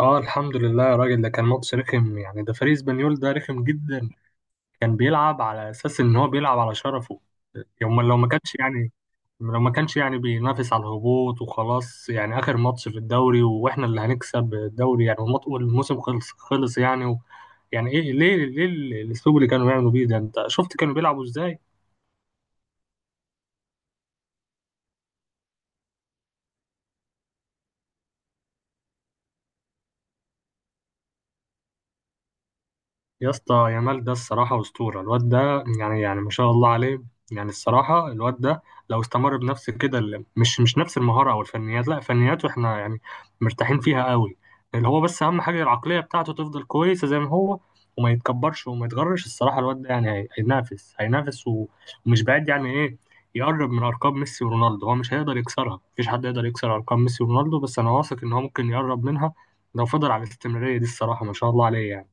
اه، الحمد لله يا راجل. ده كان ماتش رخم، يعني ده فريق اسبانيول ده رخم جدا. كان بيلعب على اساس ان هو بيلعب على شرفه. يوم لو ما كانش يعني لو ما كانش يعني بينافس على الهبوط، وخلاص. يعني اخر ماتش في الدوري واحنا اللي هنكسب الدوري، يعني، والموسم خلص يعني. و يعني ايه ليه الاسلوب اللي كانوا بيعملوا بيه ده؟ انت شفت كانوا بيلعبوا ازاي؟ يا اسطى يامال، ده الصراحة أسطورة الواد ده، يعني ما شاء الله عليه. يعني الصراحة الواد ده لو استمر بنفس كده، مش نفس المهارة أو الفنيات، لا فنياته احنا يعني مرتاحين فيها قوي. اللي هو بس أهم حاجة العقلية بتاعته تفضل كويسة زي ما هو، وما يتكبرش وما يتغرش. الصراحة الواد ده يعني هينافس ومش بعيد يعني إيه يقرب من أرقام ميسي ورونالدو. هو مش هيقدر يكسرها، مفيش حد يقدر يكسر أرقام ميسي ورونالدو، بس أنا واثق إن هو ممكن يقرب منها لو فضل على الاستمرارية دي. الصراحة ما شاء الله عليه يعني.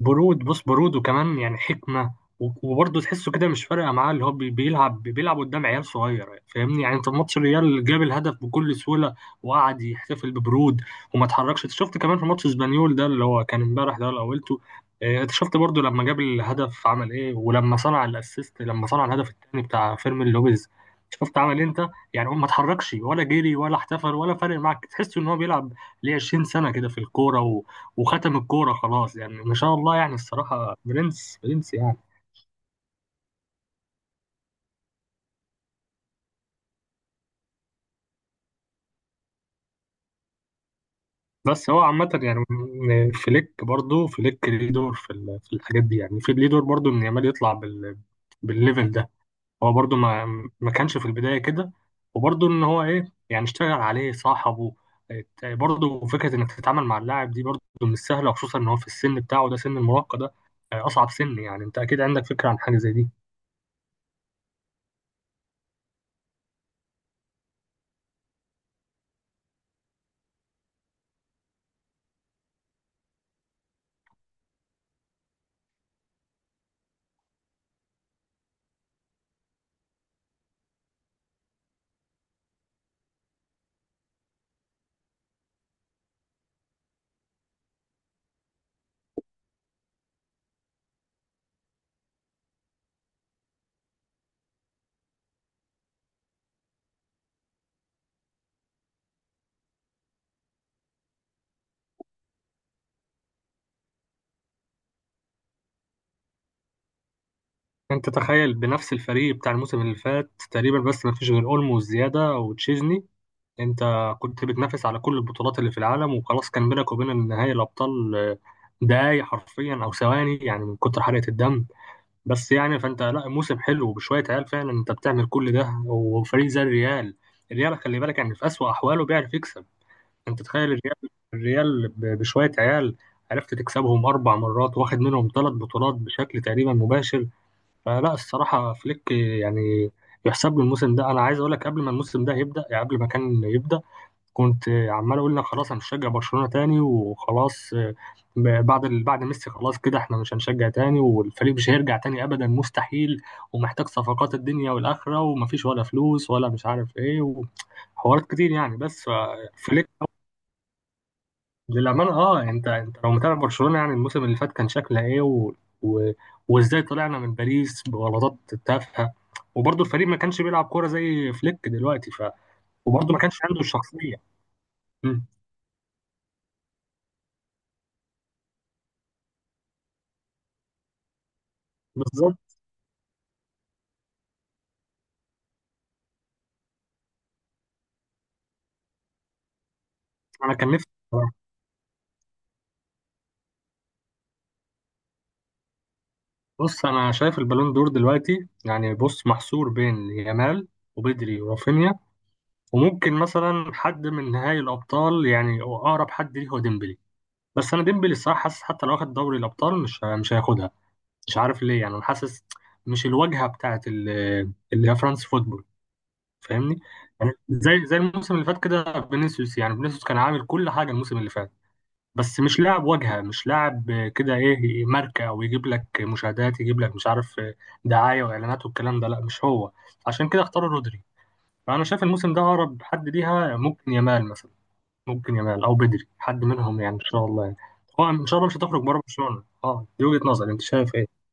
برود، بص، برود وكمان يعني حكمة. وبرضه تحسه كده مش فارقة معاه. اللي هو بيلعب قدام عيال صغيرة، فاهمني؟ يعني انت في ماتش الريال جاب الهدف بكل سهولة وقعد يحتفل ببرود وما اتحركش. انت شفت كمان في ماتش اسبانيول ده اللي هو كان امبارح ده اللي قولته، اه، انت شفت برضه لما جاب الهدف عمل ايه، ولما صنع الاسيست، لما صنع الهدف التاني بتاع فيرمين لوبيز شفت عمل ايه انت؟ يعني هو ما اتحركش ولا جري ولا احتفل، ولا فارق معاك، تحس ان هو بيلعب ليه 20 سنة كده في الكورة وختم الكورة خلاص. يعني ما شاء الله، يعني الصراحة برنس برنس يعني. بس هو عامة يعني، فليك برضه فليك ليه دور في في الحاجات دي. يعني في ليه دور برضه إن يامال يطلع بالليفل ده. هو برضه ما كانش في البداية كده، وبرضه إن هو إيه، يعني اشتغل عليه صاحبه. برضه فكرة إنك تتعامل مع اللاعب دي برضه مش سهلة، وخصوصا إن هو في السن بتاعه ده، سن المراهقة ده، أصعب سن، يعني أنت أكيد عندك فكرة عن حاجة زي دي. انت تخيل بنفس الفريق بتاع الموسم اللي فات تقريبا، بس ما فيش غير اولمو وزياده وتشيزني. انت كنت بتنافس على كل البطولات اللي في العالم، وخلاص كان بينك وبين النهائي الابطال دقايق حرفيا او ثواني، يعني من كتر حرقه الدم. بس يعني فانت، لا، موسم حلو، وبشويه عيال فعلا انت بتعمل كل ده، وفريق زي الريال. الريال خلي بالك يعني في اسوأ احواله بيعرف يكسب. انت تخيل الريال، الريال بشويه عيال عرفت تكسبهم 4 مرات، واخد منهم 3 بطولات بشكل تقريبا مباشر. فلا الصراحة فليك يعني يحسب له الموسم ده. أنا عايز أقول لك قبل ما الموسم ده يبدأ، يعني قبل ما كان يبدأ، كنت عمال أقول لك خلاص أنا مش هشجع برشلونة تاني وخلاص، بعد بعد ميسي خلاص كده إحنا مش هنشجع تاني، والفريق مش هيرجع تاني أبدا، مستحيل. ومحتاج صفقات الدنيا والآخرة، ومفيش ولا فلوس، ولا مش عارف إيه، وحوارات كتير يعني. بس فليك، للأمانة اه، انت، انت لو متابع برشلونة يعني الموسم اللي فات كان شكلها ايه، و... وازاي طلعنا من باريس بغلطات تافهة، وبرضه الفريق ما كانش بيلعب كورة زي فليك دلوقتي، ف، وبرضه ما كانش عنده الشخصية. مم. بالظبط. انا كان نفسي بصراحة. بص انا شايف البالون دور دلوقتي يعني، بص، محصور بين يامال وبدري ورافينيا، وممكن مثلا حد من نهائي الأبطال، يعني أقرب حد ليه هو ديمبلي، بس أنا ديمبلي الصراحة حاسس حتى لو واخد دوري الأبطال مش هياخدها. مش عارف ليه، يعني انا حاسس مش الواجهه بتاعت اللي هي فرانس فوتبول، فاهمني؟ يعني زي الموسم اللي فات كده فينيسيوس، يعني فينيسيوس كان عامل كل حاجه الموسم اللي فات، بس مش لاعب واجهه، مش لاعب كده ايه، ماركه، او يجيب لك مشاهدات، يجيب لك مش عارف دعايه واعلانات والكلام ده، لا مش هو، عشان كده اختاروا رودري. فانا شايف الموسم ده اقرب حد ليها ممكن يامال مثلا، ممكن يامال او بدري، حد منهم يعني ان شاء الله يعني. هو ان شاء الله مش هتخرج بره برشلونه، اه، دي وجهه نظري، انت شايف ايه؟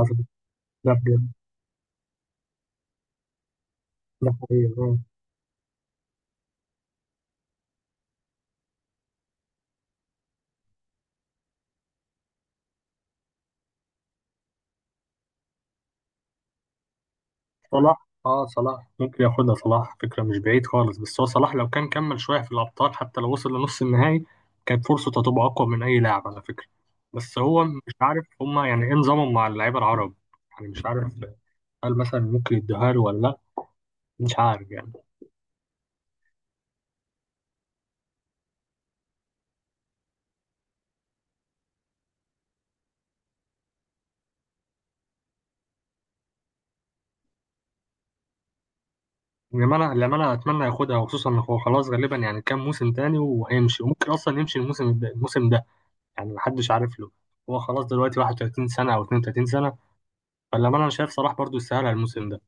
حصل. لا بجد. لا حقيقي آه. صلاح ممكن ياخدها. صلاح فكرة مش بعيد خالص، بس هو صلاح لو كان كمل شوية في الأبطال، حتى لو وصل لنص النهائي، كانت فرصته هتبقى أقوى من أي لاعب على فكرة. بس هو مش عارف هما يعني إيه نظامهم مع اللعيبة العرب، يعني مش عارف هل مثلا ممكن يدوها له ولا لأ، مش عارف يعني. إنما أنا لما أنا أتمنى ياخدها، وخصوصا إن هو خلاص غالبا يعني كام موسم تاني وهيمشي، وممكن أصلا يمشي الموسم ده، الموسم ده يعني محدش عارف له. هو خلاص دلوقتي 31 سنة أو 32 سنة. فلما انا شايف صلاح برضو يستاهل الموسم ده.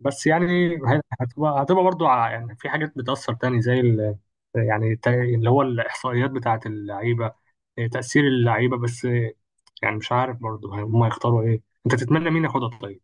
بس يعني هتبقى برضو، يعني في حاجات بتأثر تاني زي اللي هو الإحصائيات بتاعة اللعيبة، إيه، تأثير اللعيبة، بس إيه، يعني مش عارف برضو هم يختاروا ايه. انت تتمنى مين ياخدها طيب؟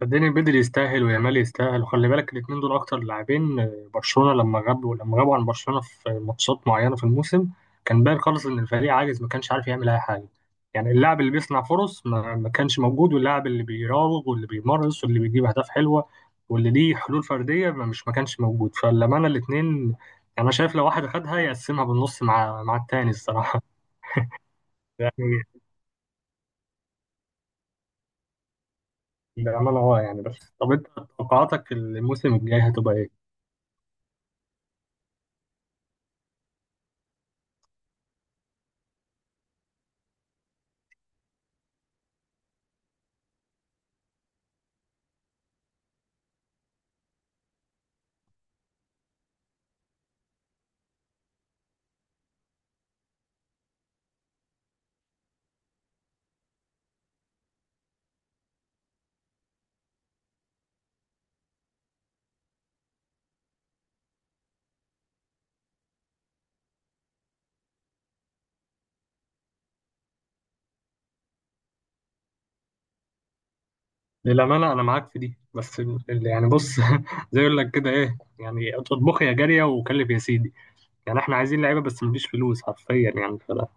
صدقني بدري يستاهل ويامال يستاهل، وخلي بالك الاتنين دول اكتر لاعبين، برشلونة لما غابوا عن برشلونة في ماتشات معينة في الموسم كان باين خالص ان الفريق عاجز، ما كانش عارف يعمل اي حاجة. يعني اللاعب اللي بيصنع فرص ما كانش موجود، واللاعب اللي بيراوغ واللي بيمرس واللي بيجيب اهداف حلوة واللي ليه حلول فردية ما كانش موجود. فلما انا الاتنين يعني، انا شايف لو واحد خدها يقسمها بالنص مع التاني الصراحة. يعني بأمانة اه يعني. بس طب انت توقعاتك الموسم الجاي هتبقى ايه؟ للأمانة أنا معاك في دي، بس يعني بص زي يقول لك كده إيه، يعني اطبخ يا جارية وكلف يا سيدي. يعني إحنا عايزين لعيبة بس مفيش فلوس حرفيا يعني، فلا.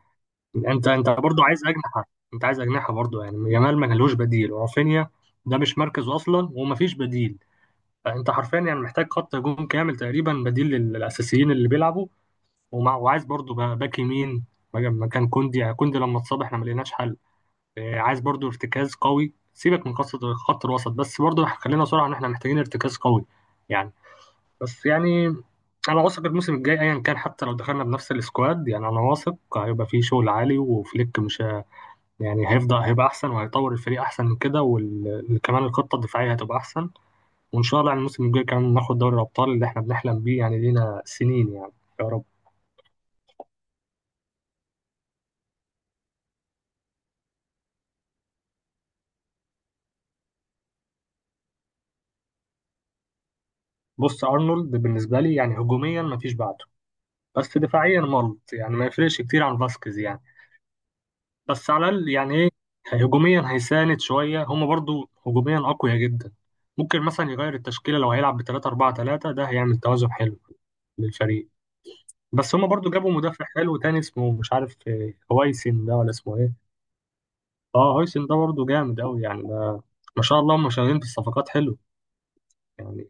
أنت برضو عايز أجنحة، أنت عايز أجنحة برضو، يعني جمال ما لهوش بديل، ورافينيا ده مش مركزه أصلا ومفيش بديل. فأنت حرفيا يعني محتاج خط هجوم كامل تقريبا بديل للأساسيين اللي بيلعبوا. وعايز برضو باك يمين مكان كوندي، يعني كوندي لما اتصاب إحنا ما لقيناش حل. عايز برضو ارتكاز قوي، سيبك من قصة خط الوسط، بس برضو خلينا صراحة ان احنا محتاجين ارتكاز قوي يعني. بس يعني انا واثق الموسم الجاي ايا كان، حتى لو دخلنا بنفس السكواد، يعني انا واثق هيبقى فيه شغل عالي، وفليك مش يعني هيفضل، هيبقى احسن، وهيطور الفريق احسن من كده، وكمان الخطة الدفاعية هتبقى احسن. وان شاء الله يعني الموسم الجاي كمان ناخد دوري الابطال اللي احنا بنحلم بيه يعني لينا سنين يعني، يا رب. بص ارنولد بالنسبة لي يعني هجوميا مفيش بعده، بس دفاعيا ملط، يعني ما يفرقش كتير عن فاسكيز يعني، بس على الأقل يعني إيه، هجوميا هيساند شوية. هما برضو هجوميا أقوياء جدا، ممكن مثلا يغير التشكيلة لو هيلعب ب3-4-3، ده هيعمل توازن حلو للفريق. بس هما برضو جابوا مدافع حلو تاني، اسمه مش عارف هويسن ده ولا اسمه إيه. أه هويسن ده برضو جامد أوي يعني، ده ما شاء الله، هما شغالين في الصفقات حلو يعني.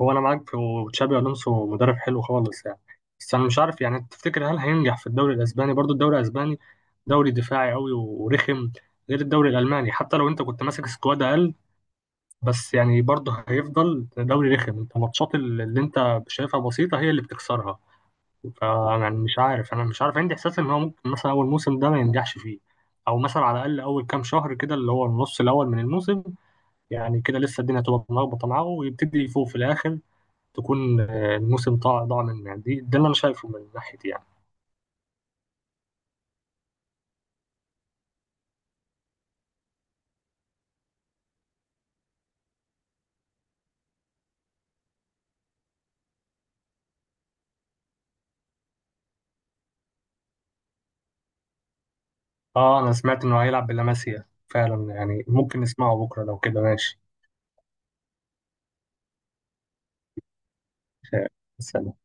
هو انا معاك في وتشابي الونسو مدرب حلو خالص يعني، بس انا مش عارف، يعني تفتكر هل هينجح في الدوري الاسباني؟ برضو الدوري الاسباني دوري دفاعي قوي ورخم، غير الدوري الالماني. حتى لو انت كنت ماسك سكواد اقل، بس يعني برضو هيفضل دوري رخم، انت الماتشات اللي انت شايفها بسيطه هي اللي بتكسرها. فانا مش عارف، انا مش عارف، عندي احساس ان هو ممكن مثلا اول موسم ده ما ينجحش فيه، او مثلا على الاقل اول كام شهر كده، اللي هو النص الاول من الموسم، يعني كده لسه الدنيا تبقى ملخبطه معاه ويبتدي يفوق في الاخر، تكون الموسم ضاع منه يعني. دي اللي انا شايفه من ناحيتي يعني. اه انا سمعت انه هيلعب بلاماسيا فعلا، يعني ممكن نسمعه بكره لو كده ماشي. آه، بس